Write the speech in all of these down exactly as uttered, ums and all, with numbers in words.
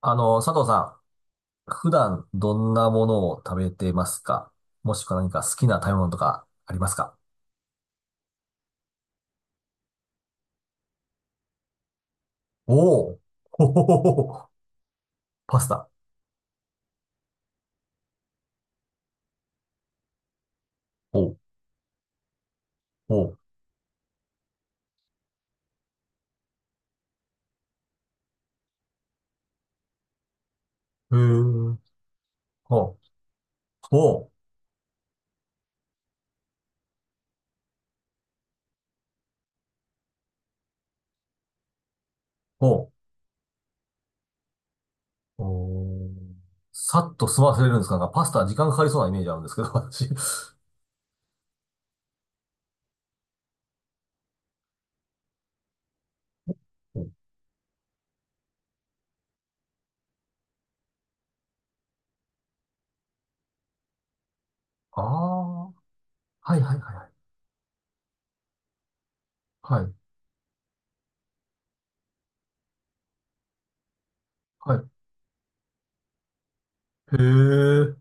あの、佐藤さん、普段どんなものを食べてますか？もしくは何か好きな食べ物とかありますか？おお。ほほほほ パスタ。おう。おう。へー。ほう。ほう。ほう。おー。さっと済ませれるんですか？なんかパスタ時間かかりそうなイメージあるんですけど、私。ああー、はいはいはいはい。はい、はい。へえ。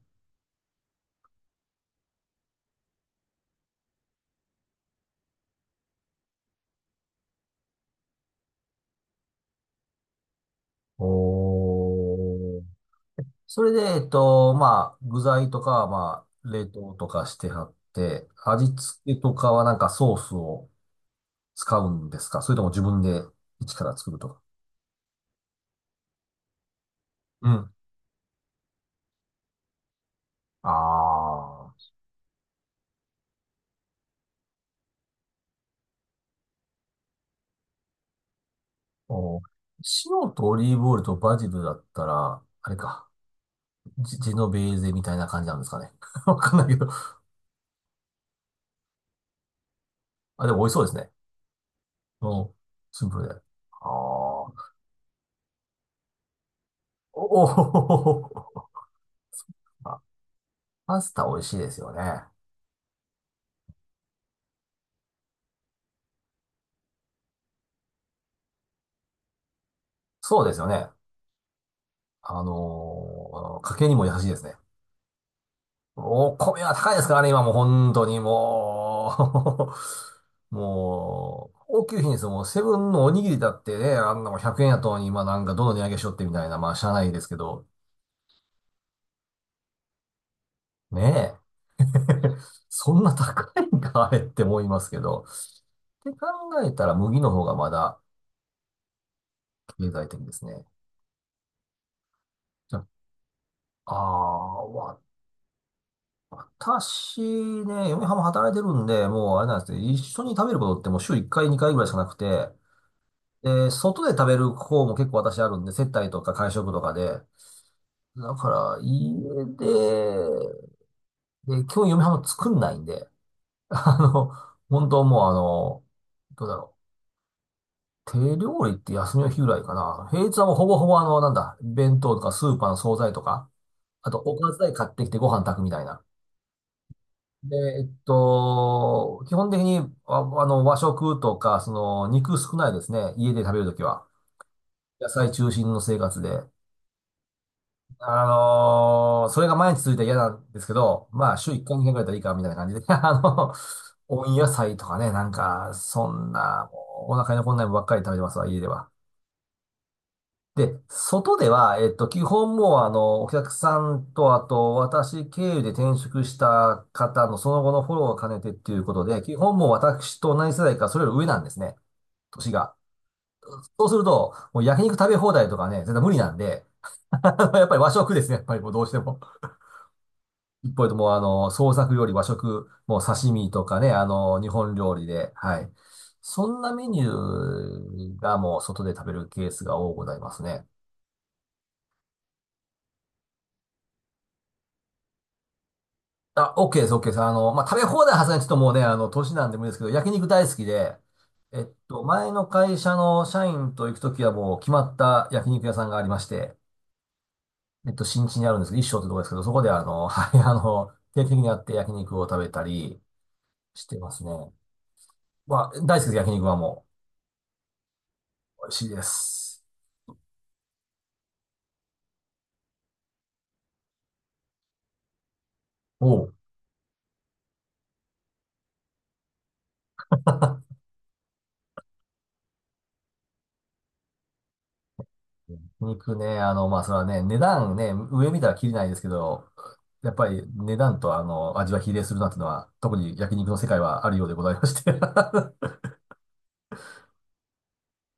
おー。それで、えっと、まあ、具材とかは、まあ、冷凍とかしてはって、味付けとかはなんかソースを使うんですか？それとも自分で一から作るとか。うん。ああ、お、塩とオリーブオイルとバジルだったら、あれか、ジ、ジェノベーゼみたいな感じなんですかね。わかんないけど。あ、でも美味しそうですね。うん。シンプルで。ああ、おお、あ、パスタ美味しいですよね。そうですよね。あのー家計にも優しいですね。お米は高いですからね、今もう本当にもう もう、高級品ですよ。もうセブンのおにぎりだってね、あんなもんひゃくえんやとに今なんかどの値上げしよってみたいな、まあ、しゃあないですけど、ねえ。そんな高いんか、あれって思いますけど。って考えたら麦の方がまだ経済的ですね。じゃあ、あー私ね、嫁はんも働いてるんで、もうあれなんですね、一緒に食べることってもう週いっかい、にかいぐらいしかなくて、で、外で食べる方も結構私あるんで、接待とか会食とかで、だから家で、で、基本嫁はんも作んないんで、あの、本当もうあの、どうだろう。手料理って休みの日ぐらいかな。平日はもうほぼほぼあの、なんだ、弁当とかスーパーの惣菜とか、あとおかず代買ってきてご飯炊くみたいな。で、えっと、基本的に、あ、あの、和食とか、その、肉少ないですね。家で食べるときは。野菜中心の生活で。あのーそれが毎日続いたら嫌なんですけど、まあ、週いっかい、にかいぐらいだったらいいか、みたいな感じで。あの、温野菜とかね、なんか、そんな、もうお腹に残んないもんばっかり食べてますわ、家では。で、外では、えっと、基本もう、あの、お客さんと、あと、私経由で転職した方のその後のフォローを兼ねてっていうことで、基本もう私と同じ世代か、それより上なんですね。年が。そうすると、もう焼肉食べ放題とかね、絶対無理なんで、やっぱり和食ですね、やっぱりもうどうしても。一方でもう、あの、創作料理、和食、もう刺身とかね、あの、日本料理で、はい。そんなメニューがもう外で食べるケースが多くございますね。あ、OK です、OK です。あの、まあ、食べ放題はずにちょっともうね、あの、年なんでもいいですけど、焼肉大好きで、えっと、前の会社の社員と行くときはもう決まった焼肉屋さんがありまして、えっと、新地にあるんですけど、一生ってとこですけど、そこであの、はい、あの、定期的にやって焼肉を食べたりしてますね。まあ、大好きです、焼肉はもう。美味しいです。お僕ね、あの、まあ、それはね、値段ね、上見たら切れないですけど、やっぱり値段とあの、味は比例するなっていうのは、特に焼肉の世界はあるようでございまして。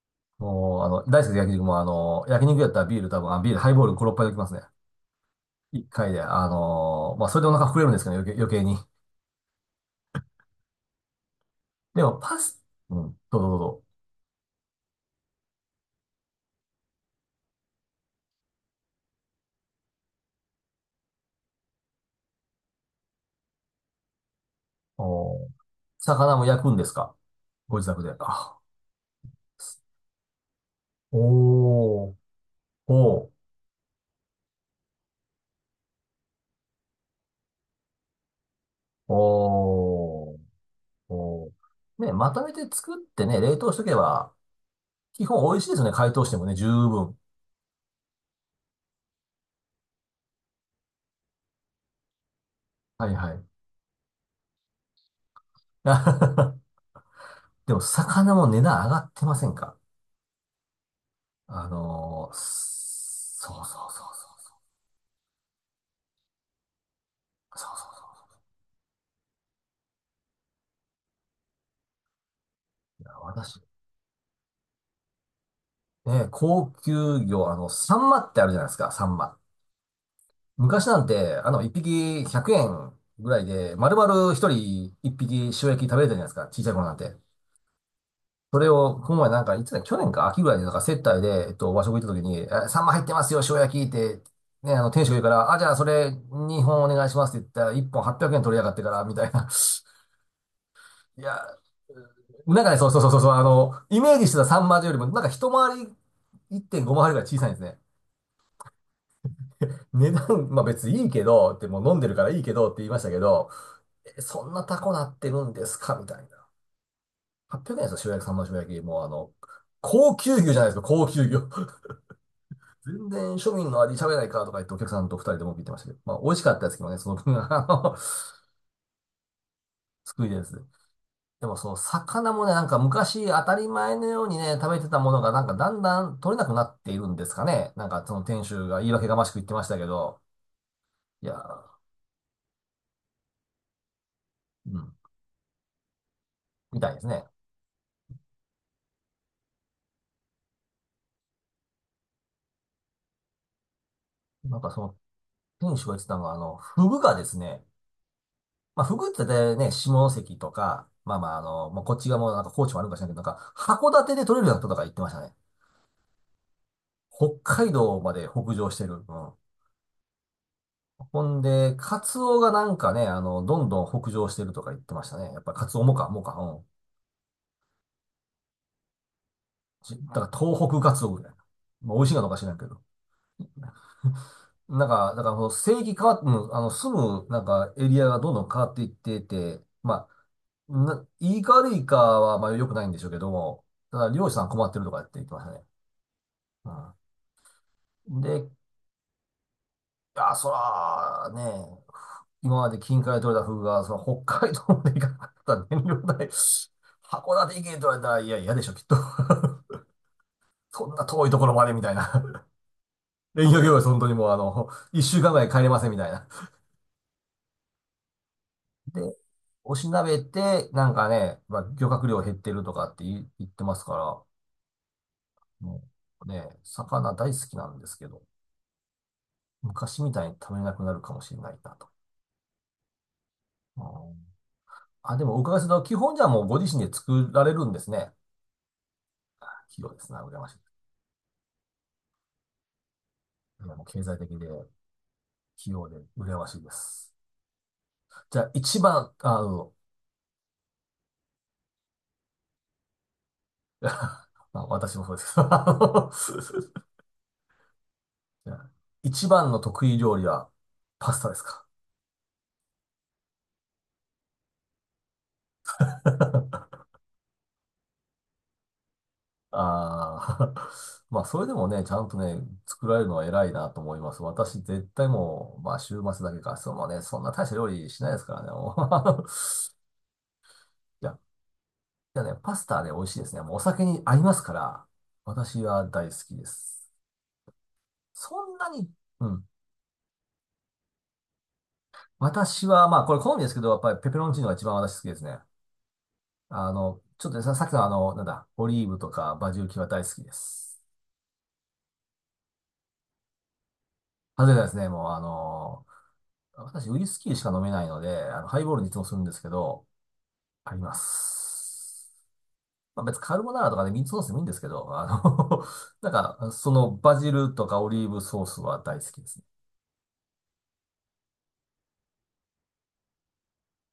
もう、あの、大好きな焼肉も、あの、焼肉やったらビール多分、あ、ビール、ハイボールご、ろっぱいできますね。いっかいで、あの、まあ、それでお腹膨れるんですけど、余計、余計に。でも、パス、うん、どうぞどうぞ。お、魚も焼くんですか？ご自宅で。あ、おー、おー、おー。おー。ね、まとめて作ってね、冷凍しとけば、基本美味しいですね。解凍してもね、十分。はいはい。でも、魚も値段上がってませんか？あのーそうそうそうそう。そうそうそう。いや、私、ね、高級魚、あの、サンマってあるじゃないですか、サンマ。昔なんて、あの、一匹ひゃくえんぐらいで、丸々ひとり一匹塩焼き食べれたじゃないですか、小さい頃なんて。それを、この前なんか、いつだ、去年か秋ぐらいになんか接待で、えっと、和食行った時に、え、サンマ入ってますよ、塩焼きって、ね、あの、店主が言うから、あ、じゃあそれにほんお願いしますって言ったら、いっぽんはっぴゃくえん取りやがってから、みたいな。いや、なんかね、そうそうそうそうそう、あの、イメージしてたサンマよりも、なんか一回り、いってんごかいりぐらい小さいんですね。値段、まあ別にいいけど、ってもう飲んでるからいいけどって言いましたけど、え、そんなタコなってるんですかみたいな。はっぴゃくえんですよ、塩焼き、サンマの塩焼き。もうあの、高級魚じゃないですか、高級魚。全然庶民の味喋れないからとか言ってお客さんとふたりでも言ってましたけど、まあ美味しかったですけどね、その分が、あの、救いです。でもその魚もね、なんか昔当たり前のようにね、食べてたものがなんかだんだん取れなくなっているんですかね。なんかその店主が言い訳がましく言ってましたけど、いやー、うん、みたいですね。なんかその店主が言ってたのが、あの、フグがですね、まあフグって大体ね、下関とか、まあまああの、まあ、こっちがもうなんか高知もあるかかしれないけど、なんか函館で取れるようなこととか言ってましたね。北海道まで北上してる。うん。ほんで、カツオがなんかね、あの、どんどん北上してるとか言ってましたね。やっぱカツオもか、もか、うん。じだから東北カツオぐらいな。まあ、美味しいかどうか知らんけど。なんか、だからこの正規変わっ、うん、あの、住む、なんか、エリアがどんどん変わっていってて、まあ、な、いいか悪いかは、まあ、良くないんでしょうけども、ただ、漁師さん困ってるとかって言ってましたね。うん。で、あ、そら、ね、今まで近海で取れたフグが、その北海道まで行かなかった燃料代、函館行けと言われたら、いや、嫌でしょ、きっと。そんな遠いところまでみたいな。連休業務、本当にもうあの、いっしゅうかんぐらい帰れませんみたいな。で、おしなべて、なんかね、まあ、漁獲量減ってるとかって言言ってますから、もうね、魚大好きなんですけど、昔みたいに食べれなくなるかもしれないなと。うん。あ、でもお伺いすると、基本じゃあもうご自身で作られるんですね。器用ですな、羨ましい。いやもう経済的で。器用で羨ましいです。じゃあ、一番、あ、うん。まあ、私もそうですけど。じゃあ一番の得意料理はパスタですか？ ああ、まあ、それでもね、ちゃんとね、作られるのは偉いなと思います。私、絶対もう、まあ、週末だけか、そうもね、そんな大した料理しないですからね。もう いや、いやね、パスタね、美味しいですね。もうお酒に合いますから、私は大好きです。そんなに、うん。私は、まあ、これ好みですけど、やっぱりペペロンチーノが一番私好きですね。あの、ちょっとねさ、さっきのあの、なんだ、オリーブとかバジル系は大好きです。外れなですね、もうあの、私ウイスキーしか飲めないので、あの、ハイボールにいつもするんですけど、あります。まあ、別にカルボナーラとかね、ミートソースでもいいんですけど、あの なんか、そのバジルとかオリーブソースは大好きですね。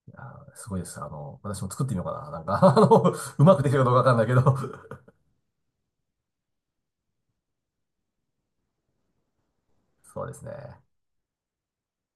いやーすごいです。あの、私も作ってみようかな。なんか、あの、うまくできるかどうかわかんないけど そうですね。